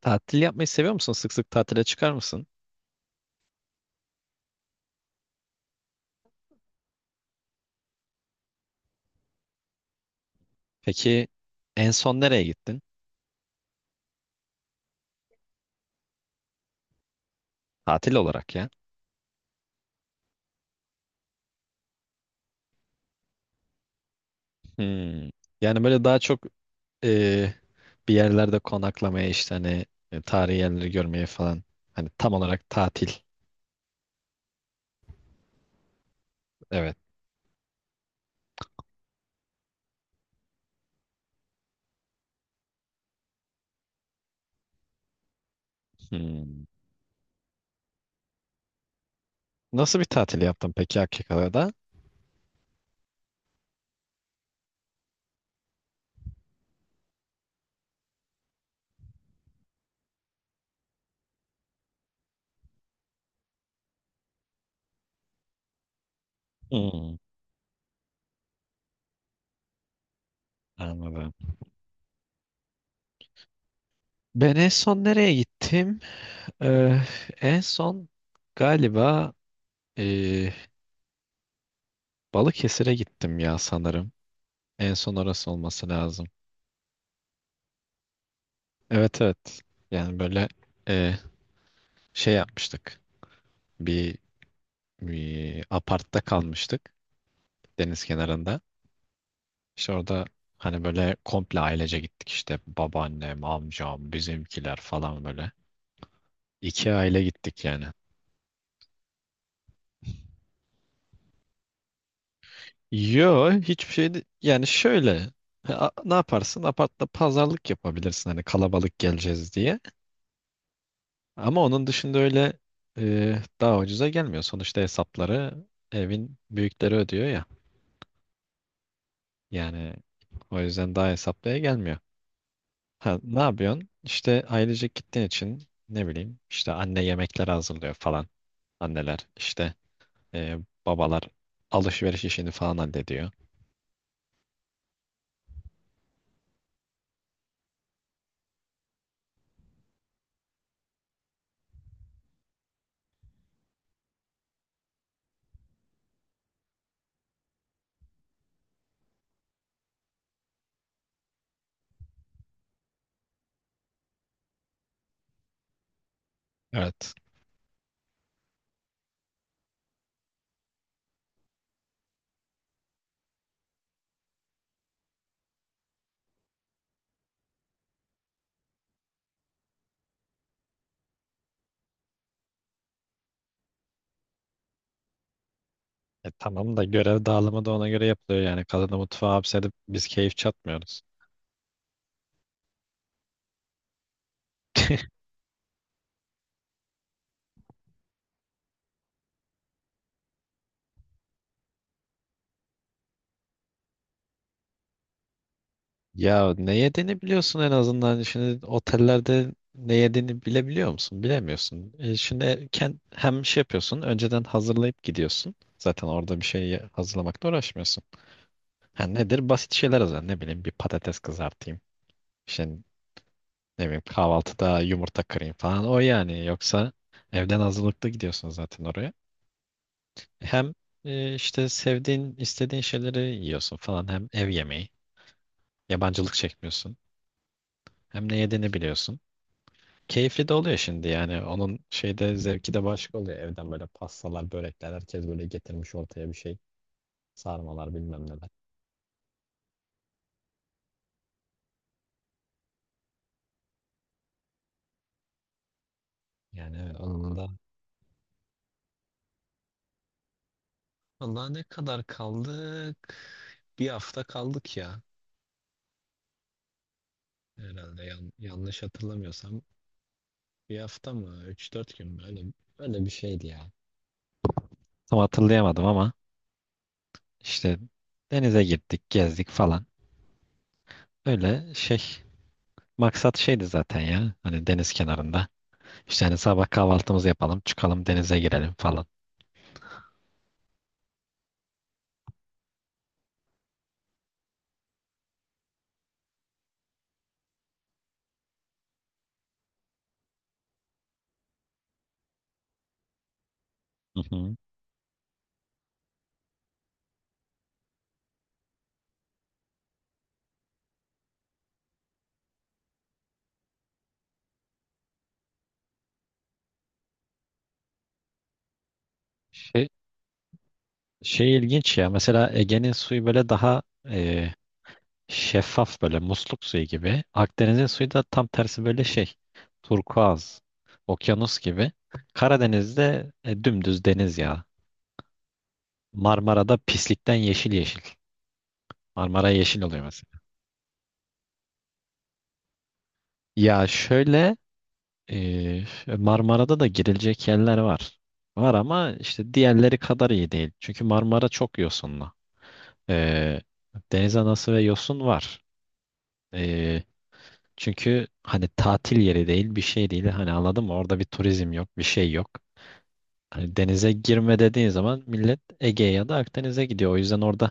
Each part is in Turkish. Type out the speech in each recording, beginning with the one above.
Tatil yapmayı seviyor musun? Sık sık tatile çıkar mısın? Peki en son nereye gittin? Tatil olarak ya. Hmm. Yani böyle daha çok e, bir yerlerde konaklamaya işte hani tarihi yerleri görmeye falan. Hani tam olarak tatil. Evet. Hmm. Nasıl bir tatil yaptın peki Akika'da? Hmm. Anladım. Ben en son nereye gittim? Ee, en son galiba e, Balıkesir'e gittim ya sanırım. En son orası olması lazım. Evet, evet. Yani böyle e, şey yapmıştık. Bir, bir apartta kalmıştık deniz kenarında. İşte orada hani böyle komple ailece gittik işte babaannem, amcam, bizimkiler falan böyle. İki aile gittik yani. Yo, hiçbir şey yani şöyle ne yaparsın, apartta pazarlık yapabilirsin hani kalabalık geleceğiz diye. Ama onun dışında öyle daha ucuza gelmiyor. Sonuçta hesapları evin büyükleri ödüyor ya. Yani o yüzden daha hesaplıya gelmiyor. Ha, ne yapıyorsun? İşte ailecek gittiğin için ne bileyim işte anne yemekler hazırlıyor falan. Anneler işte e, babalar alışveriş işini falan hallediyor. Evet. Tamam da görev dağılımı da ona göre yapılıyor yani. Kadını mutfağa hapsedip biz keyif çatmıyoruz. Ya, ne yediğini biliyorsun en azından. Şimdi otellerde ne yediğini bilebiliyor musun? Bilemiyorsun. Şimdi hem şey yapıyorsun. Önceden hazırlayıp gidiyorsun. Zaten orada bir şey hazırlamakla uğraşmıyorsun. Ha, nedir? Basit şeyler hazırlan. Ne bileyim, bir patates kızartayım. İşte ne bileyim kahvaltıda yumurta kırayım falan. O yani. Yoksa evden hazırlıklı gidiyorsun zaten oraya. Hem işte sevdiğin, istediğin şeyleri yiyorsun falan. Hem ev yemeği. Yabancılık çekmiyorsun. Hem ne yediğini biliyorsun. Keyifli de oluyor şimdi yani. Onun şeyde zevki de başka oluyor. Evden böyle pastalar, börekler herkes böyle getirmiş ortaya bir şey. Sarmalar bilmem neler. Yani evet, onun da. Valla, ne kadar kaldık? Bir hafta kaldık ya. Herhalde yanlış hatırlamıyorsam. Bir hafta mı? Üç dört gün mü? Öyle bir şeydi ya. Tam hatırlayamadım ama işte denize gittik, gezdik falan. Öyle şey, maksat şeydi zaten ya. Hani deniz kenarında. İşte hani sabah kahvaltımızı yapalım, çıkalım denize girelim falan. Hı hı. Şey, şey ilginç ya. Mesela Ege'nin suyu böyle daha e, şeffaf, böyle musluk suyu gibi. Akdeniz'in suyu da tam tersi, böyle şey. Turkuaz, okyanus gibi. Karadeniz'de dümdüz deniz ya. Marmara'da pislikten yeşil yeşil. Marmara yeşil oluyor mesela. Ya şöyle e, Marmara'da da girilecek yerler var. Var ama işte diğerleri kadar iyi değil. Çünkü Marmara çok yosunlu. Ee, deniz anası ve yosun var. Ee, çünkü hani tatil yeri değil, bir şey değil. Hani, anladın mı? Orada bir turizm yok, bir şey yok. Hani denize girme dediğin zaman millet Ege'ye ya da Akdeniz'e gidiyor. O yüzden orada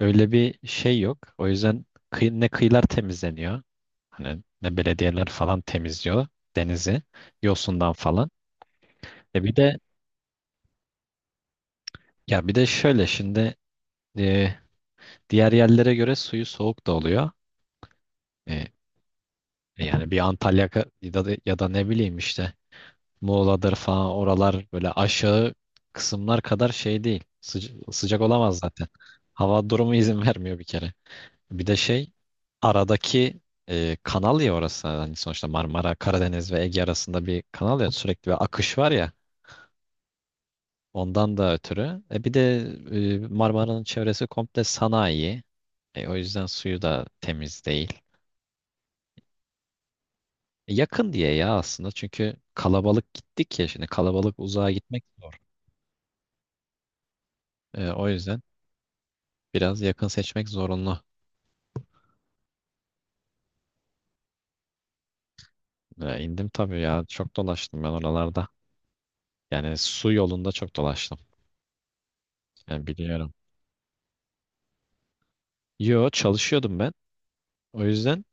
öyle bir şey yok. O yüzden ne kıyılar temizleniyor. Hani ne belediyeler falan temizliyor denizi yosundan falan. E bir de bir de şöyle şimdi e, diğer yerlere göre suyu soğuk da oluyor. E, yani bir Antalya ya da ne bileyim işte Muğla'dır falan, oralar böyle aşağı kısımlar kadar şey değil. Sıcak olamaz zaten. Hava durumu izin vermiyor bir kere. Bir de şey, aradaki kanal ya orası. Hani sonuçta Marmara, Karadeniz ve Ege arasında bir kanal ya, sürekli bir akış var ya. Ondan da ötürü. Bir de Marmara'nın çevresi komple sanayi. O yüzden suyu da temiz değil. Yakın diye ya aslında, çünkü kalabalık gittik ya, şimdi kalabalık uzağa gitmek zor. O yüzden. Biraz yakın seçmek zorunlu. E, indim tabii ya. Çok dolaştım ben oralarda. Yani su yolunda çok dolaştım. Yani biliyorum. Yo, çalışıyordum ben. O yüzden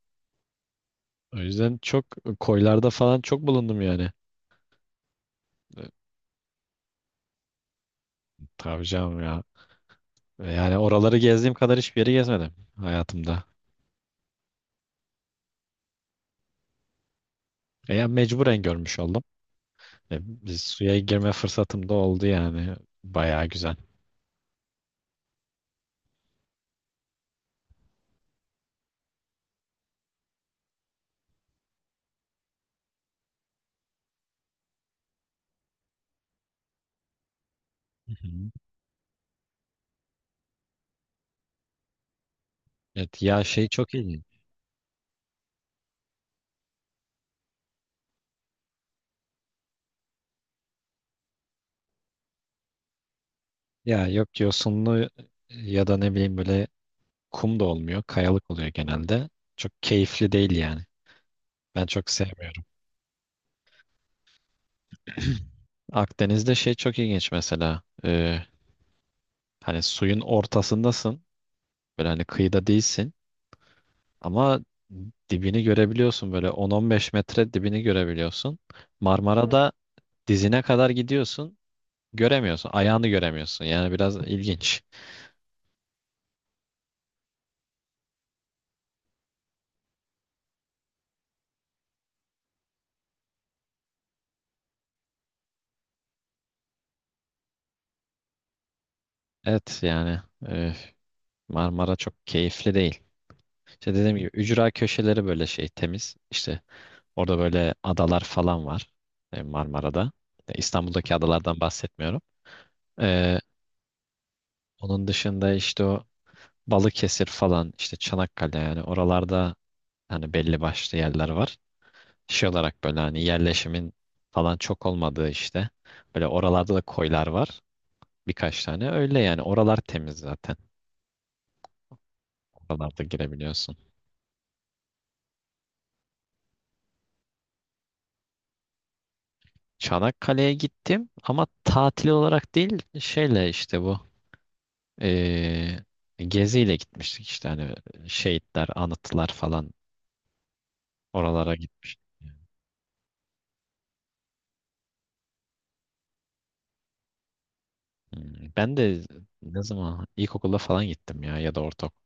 o yüzden çok koylarda falan çok bulundum yani. E, Tabii canım ya. Yani oraları gezdiğim kadar hiçbir yeri gezmedim hayatımda. Ya mecburen görmüş oldum. Biz suya girme fırsatım da oldu yani. Bayağı güzel. Hı hı. Evet ya, şey çok iyi. Ya yok, yosunlu ya da ne bileyim böyle kum da olmuyor. Kayalık oluyor genelde. Çok keyifli değil yani. Ben çok sevmiyorum. Akdeniz'de şey çok ilginç mesela. Hani suyun ortasındasın. Böyle hani kıyıda değilsin. Ama dibini görebiliyorsun. Böyle 10-15 metre dibini görebiliyorsun. Evet. Marmara'da dizine kadar gidiyorsun. Göremiyorsun. Ayağını göremiyorsun. Yani biraz ilginç. Evet yani e, Marmara çok keyifli değil. İşte dediğim gibi ücra köşeleri böyle şey, temiz. İşte orada böyle adalar falan var Marmara'da. İstanbul'daki adalardan bahsetmiyorum. E, onun dışında işte o Balıkesir falan, işte Çanakkale, yani oralarda hani belli başlı yerler var. Şey olarak böyle hani yerleşimin falan çok olmadığı işte. Böyle oralarda da koylar var birkaç tane. Öyle yani, oralar temiz zaten. Oralarda girebiliyorsun. Çanakkale'ye gittim ama tatil olarak değil, şeyle işte bu Ee, geziyle gitmiştik, işte hani şehitler, anıtlar falan, oralara gitmiştik. Hmm, ben de ne zaman ilkokulda falan gittim ya ya da ortaokul.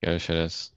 Görüşürüz.